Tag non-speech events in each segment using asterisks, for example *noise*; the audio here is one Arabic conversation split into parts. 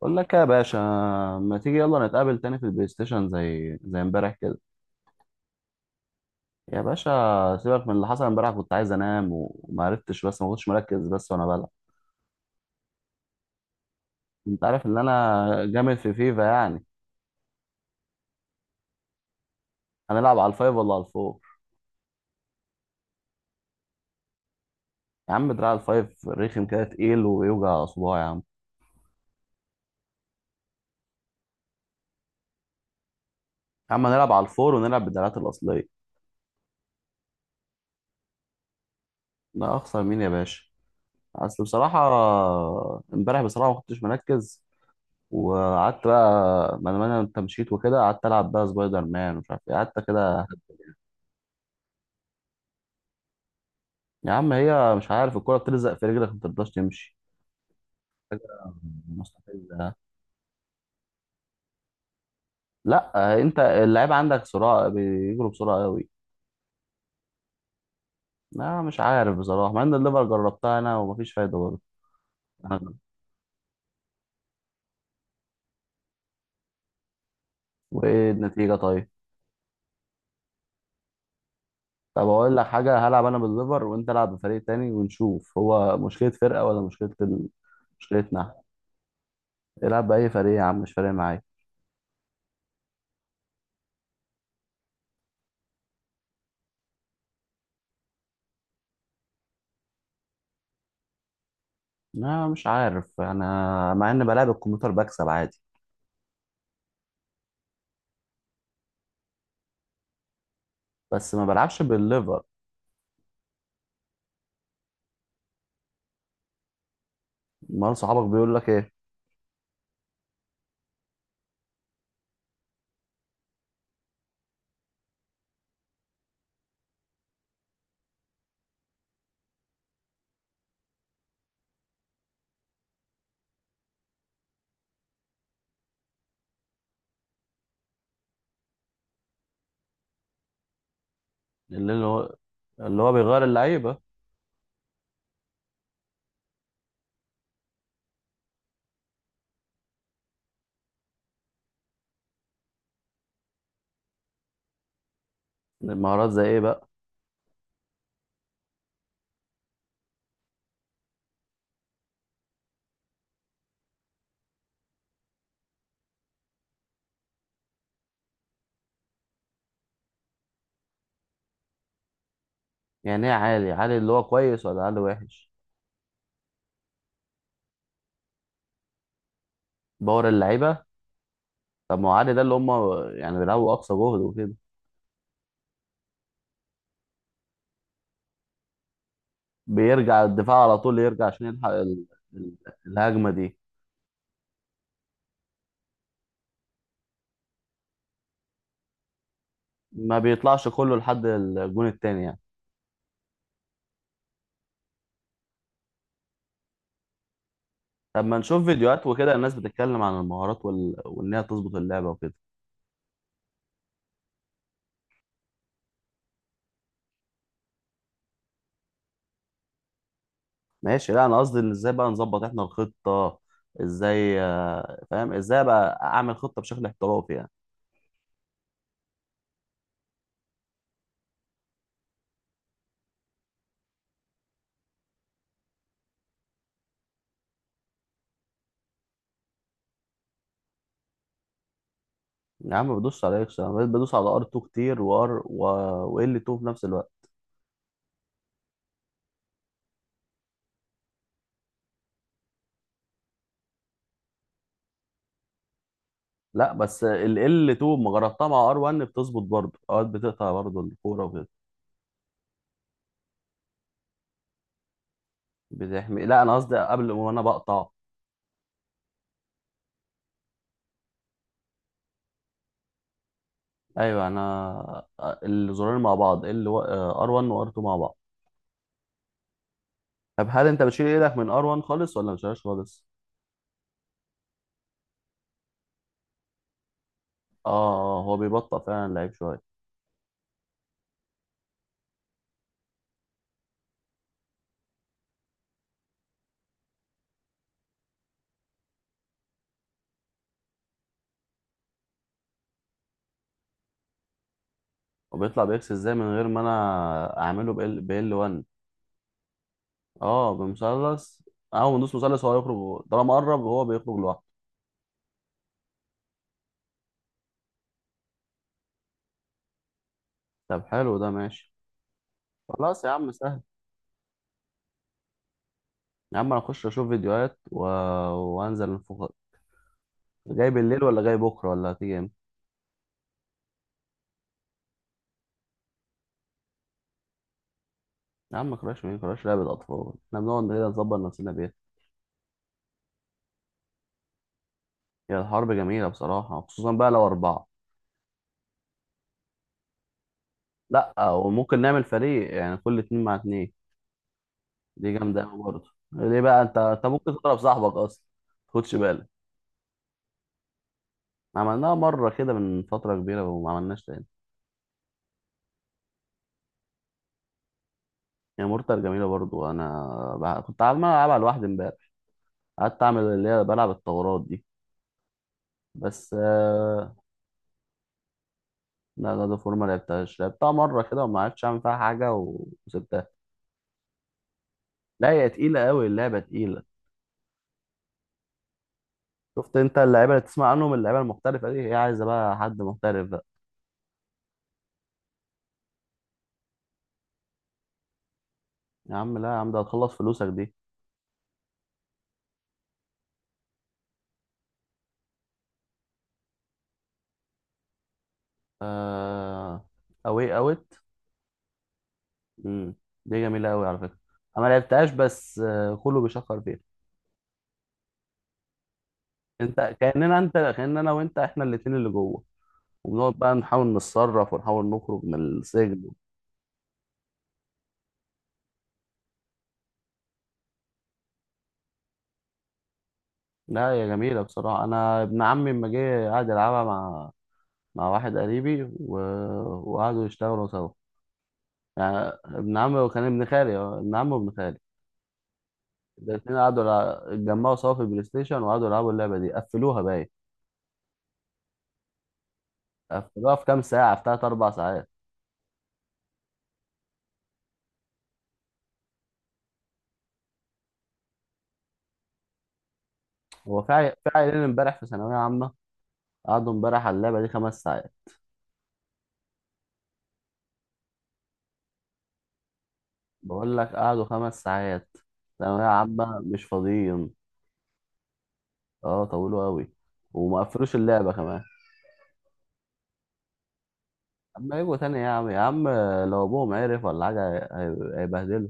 بقول لك يا باشا، ما تيجي يلا نتقابل تاني في البلاي ستيشن زي امبارح كده. يا باشا سيبك من اللي حصل امبارح، كنت عايز انام وما عرفتش، بس ما كنتش مركز بس وانا بلعب. انت عارف ان انا جامد في فيفا يعني. هنلعب على الفايف ولا على الفور؟ يا عم دراع الفايف رخم كده، تقيل ويوجع صباعي يا عم. يا عم هنلعب على الفور ونلعب بالدراعات الاصليه. لا اخسر مين يا باشا؟ اصل بصراحه امبارح بصراحه ما كنتش مركز. وقعدت بقى، ما انا انت مشيت وكده، قعدت العب بقى سبايدر مان ومش عارف ايه، قعدت كده. يا عم هي مش عارف، الكرة بتلزق في رجلك ما بترضاش تمشي. مستحيل. لا انت اللعيب عندك سرعة، بيجروا بسرعة قوي. لا مش عارف بصراحة، مع ان الليفر جربتها انا ومفيش فايدة برضه. *laughs* أنا- وايه النتيجة طيب؟ طب اقول لك حاجة، هلعب انا بالليفر وانت العب بفريق تاني ونشوف، هو مشكلة فرقة ولا مشكلة مشكلتنا إحنا. العب بأي فريق يا عم مش فارق معايا. لا مش عارف انا، مع ان بلعب الكمبيوتر بكسب عادي. بس ما بلعبش بالليفر. امال صحابك بيقول لك ايه؟ اللي هو اللي هو بيغير اللعيبه. المهارات زي ايه بقى؟ يعني ايه عالي؟ عالي اللي هو كويس ولا عالي وحش؟ باور اللعيبه. طب ما هو عالي ده اللي هم يعني بيلعبوا اقصى جهد وكده. بيرجع الدفاع على طول، يرجع عشان يلحق ال- الهجمه دي. ما بيطلعش كله لحد الجون التاني يعني. طب ما نشوف فيديوهات وكده، الناس بتتكلم عن المهارات وان هي تظبط اللعبه وكده. ماشي. لا انا قصدي ان ازاي بقى نظبط احنا الخطه، ازاي فاهم، ازاي بقى اعمل خطه بشكل احترافي يعني. يا عم بدوس على اكس، انا بقيت بدوس على ار 2 كتير، وار و ال 2 في نفس الوقت. لا بس ال ال 2 ما جربتها مع ار 1، بتظبط برضه، اوقات بتقطع برضه الكوره بتحمي. لا انا قصدي قبل وانا بقطع. ايوه انا الزرارين مع بعض، ال ار 1 وار 2 مع بعض. طب هل انت بتشيل ايدك من ار 1 خالص ولا ما بتشيلهاش خالص؟ اه، هو بيبطئ فعلا اللعيب شويه. وبيطلع باكس ازاي من غير ما انا اعمله ب ال 1؟ اه بمثلث. اول ما ندوس مثلث هو يخرج، طالما قرب هو بيخرج لوحده. طب حلو، ده ماشي. خلاص يا عم سهل. يا عم انا اخش اشوف فيديوهات وانزل الفوق. جاي بالليل ولا جاي بكره ولا هتيجي امتى؟ يا عم كراش مين؟ كراش لعبة اطفال، احنا بنقعد كده نظبط نفسنا بيها. هي الحرب جميلة بصراحة، خصوصا بقى لو اربعة. لا وممكن نعمل فريق، يعني كل اتنين مع اتنين. دي جامدة أوي برضه، ليه بقى؟ انت ممكن تضرب صاحبك اصلا. خدش بالك. عملناها مرة كده من فترة كبيرة وما عملناش تاني. هي مورتال جميلة برضو. كنت عمال ألعبها لوحدي امبارح، قعدت أعمل اللي هي بلعب الثورات دي. بس آه، لا جاد اوف وور ما لعبتهاش، لعبتها مره كده وما عرفتش اعمل فيها حاجه وسبتها. لا هي تقيله قوي اللعبه، تقيله. شفت انت اللعيبه اللي تسمع عنهم، اللعيبه المحترفه دي، هي عايزه بقى حد محترف بقى. يا عم لا يا عم، ده هتخلص فلوسك دي. آه... اوي اوت. مم. دي جميله قوي على فكره. انا ما لعبتهاش بس كله بيشكر فيها. انت كاننا انا وانت احنا الاتنين اللي جوه، وبنقعد بقى نحاول نتصرف ونحاول نخرج من السجن. لا هي جميلة بصراحة، أنا ابن عمي لما جه قعد يلعبها مع مع واحد قريبي وقعدوا يشتغلوا سوا يعني. ابن عمي وكان ابن خالي، اه، ابن عمي وابن خالي، الاتنين اتجمعوا سوا في البلاي ستيشن وقعدوا يلعبوا اللعبة دي، قفلوها باين. قفلوها في كام ساعة؟ في تلات أربع ساعات. هو في في عيلين امبارح في ثانوية عامة، قعدوا امبارح على اللعبة دي 5 ساعات. بقول لك قعدوا 5 ساعات. ثانوية عامة مش فاضيين. اه طولوا أوي. وما قفلوش اللعبة كمان. اما يجوا تاني يا عم، يا عم لو ابوهم عرف ولا حاجه هيبهدلوا.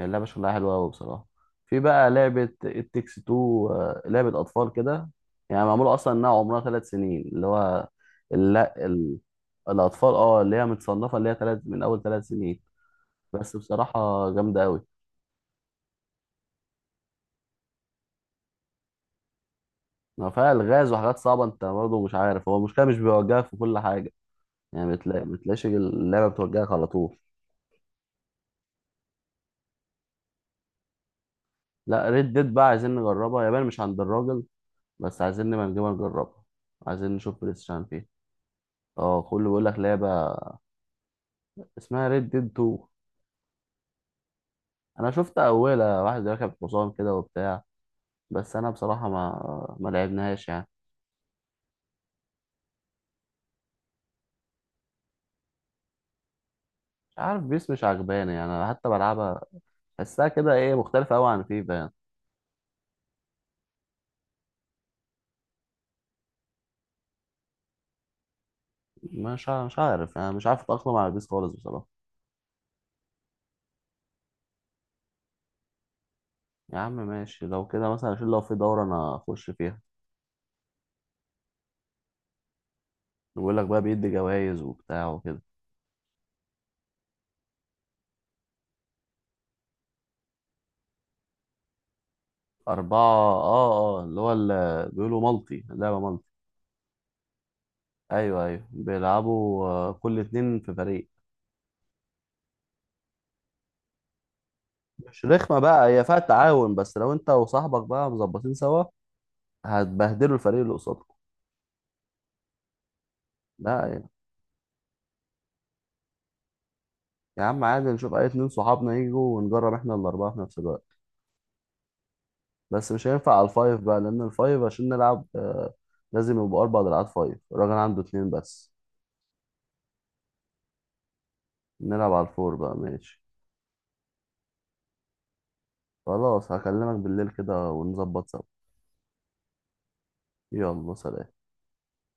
اللعبه شكلها حلوه قوي بصراحه. في بقى لعبه التكس 2، لعبه اطفال كده يعني، معموله اصلا انها عمرها 3 سنين اللي هو، لا ال... الاطفال، اه اللي هي متصنفه اللي هي 3 من اول 3 سنين. بس بصراحه جامده قوي. ما فيها الغاز وحاجات صعبه، انت برضه مش عارف، هو المشكله مش بيوجهك في كل حاجه يعني. بتلاقي، بتلاقيش اللعبه بتوجهك على طول. لا ريد ديد بقى عايزين نجربها، يابان مش عند الراجل بس، عايزين نبقى نجيبها نجربها، عايزين نشوف بلاي ستيشن فيها. اه كله بيقول لك لعبة اسمها ريد ديد 2. انا شفت اولها واحد راكب حصان كده وبتاع، بس انا بصراحة ما لعبناهاش يعني. مش عارف بيس مش عجباني يعني، أنا حتى بلعبها بحسها كده ايه، مختلفة قوي عن فيفا يعني. مش عارف يعني، مش عارف اتأقلم على بيس خالص بصراحة. يا عم ماشي لو كده، مثلا عشان لو في دورة انا اخش فيها، بيقول لك بقى بيدي جوائز وبتاع وكده. أربعة اه اه اللي هو اللي بيقولوا مالتي لعبة. ايوه ايوه بيلعبوا، كل اتنين في فريق. مش رخمه بقى، هي فيها التعاون، بس لو انت وصاحبك بقى مظبطين سوا هتبهدلوا الفريق اللي قصادكم. لا يعني يا عم عادي، نشوف اي اتنين صحابنا يجوا ونجرب احنا الاربعه في نفس الوقت. بس مش هينفع على الفايف بقى، لان الفايف عشان نلعب، لازم يبقوا اربع دراعات، فايف الراجل عنده اتنين بس. نلعب على الفور بقى، ماشي. خلاص هكلمك بالليل كده ونظبط سوا. يلا سلام.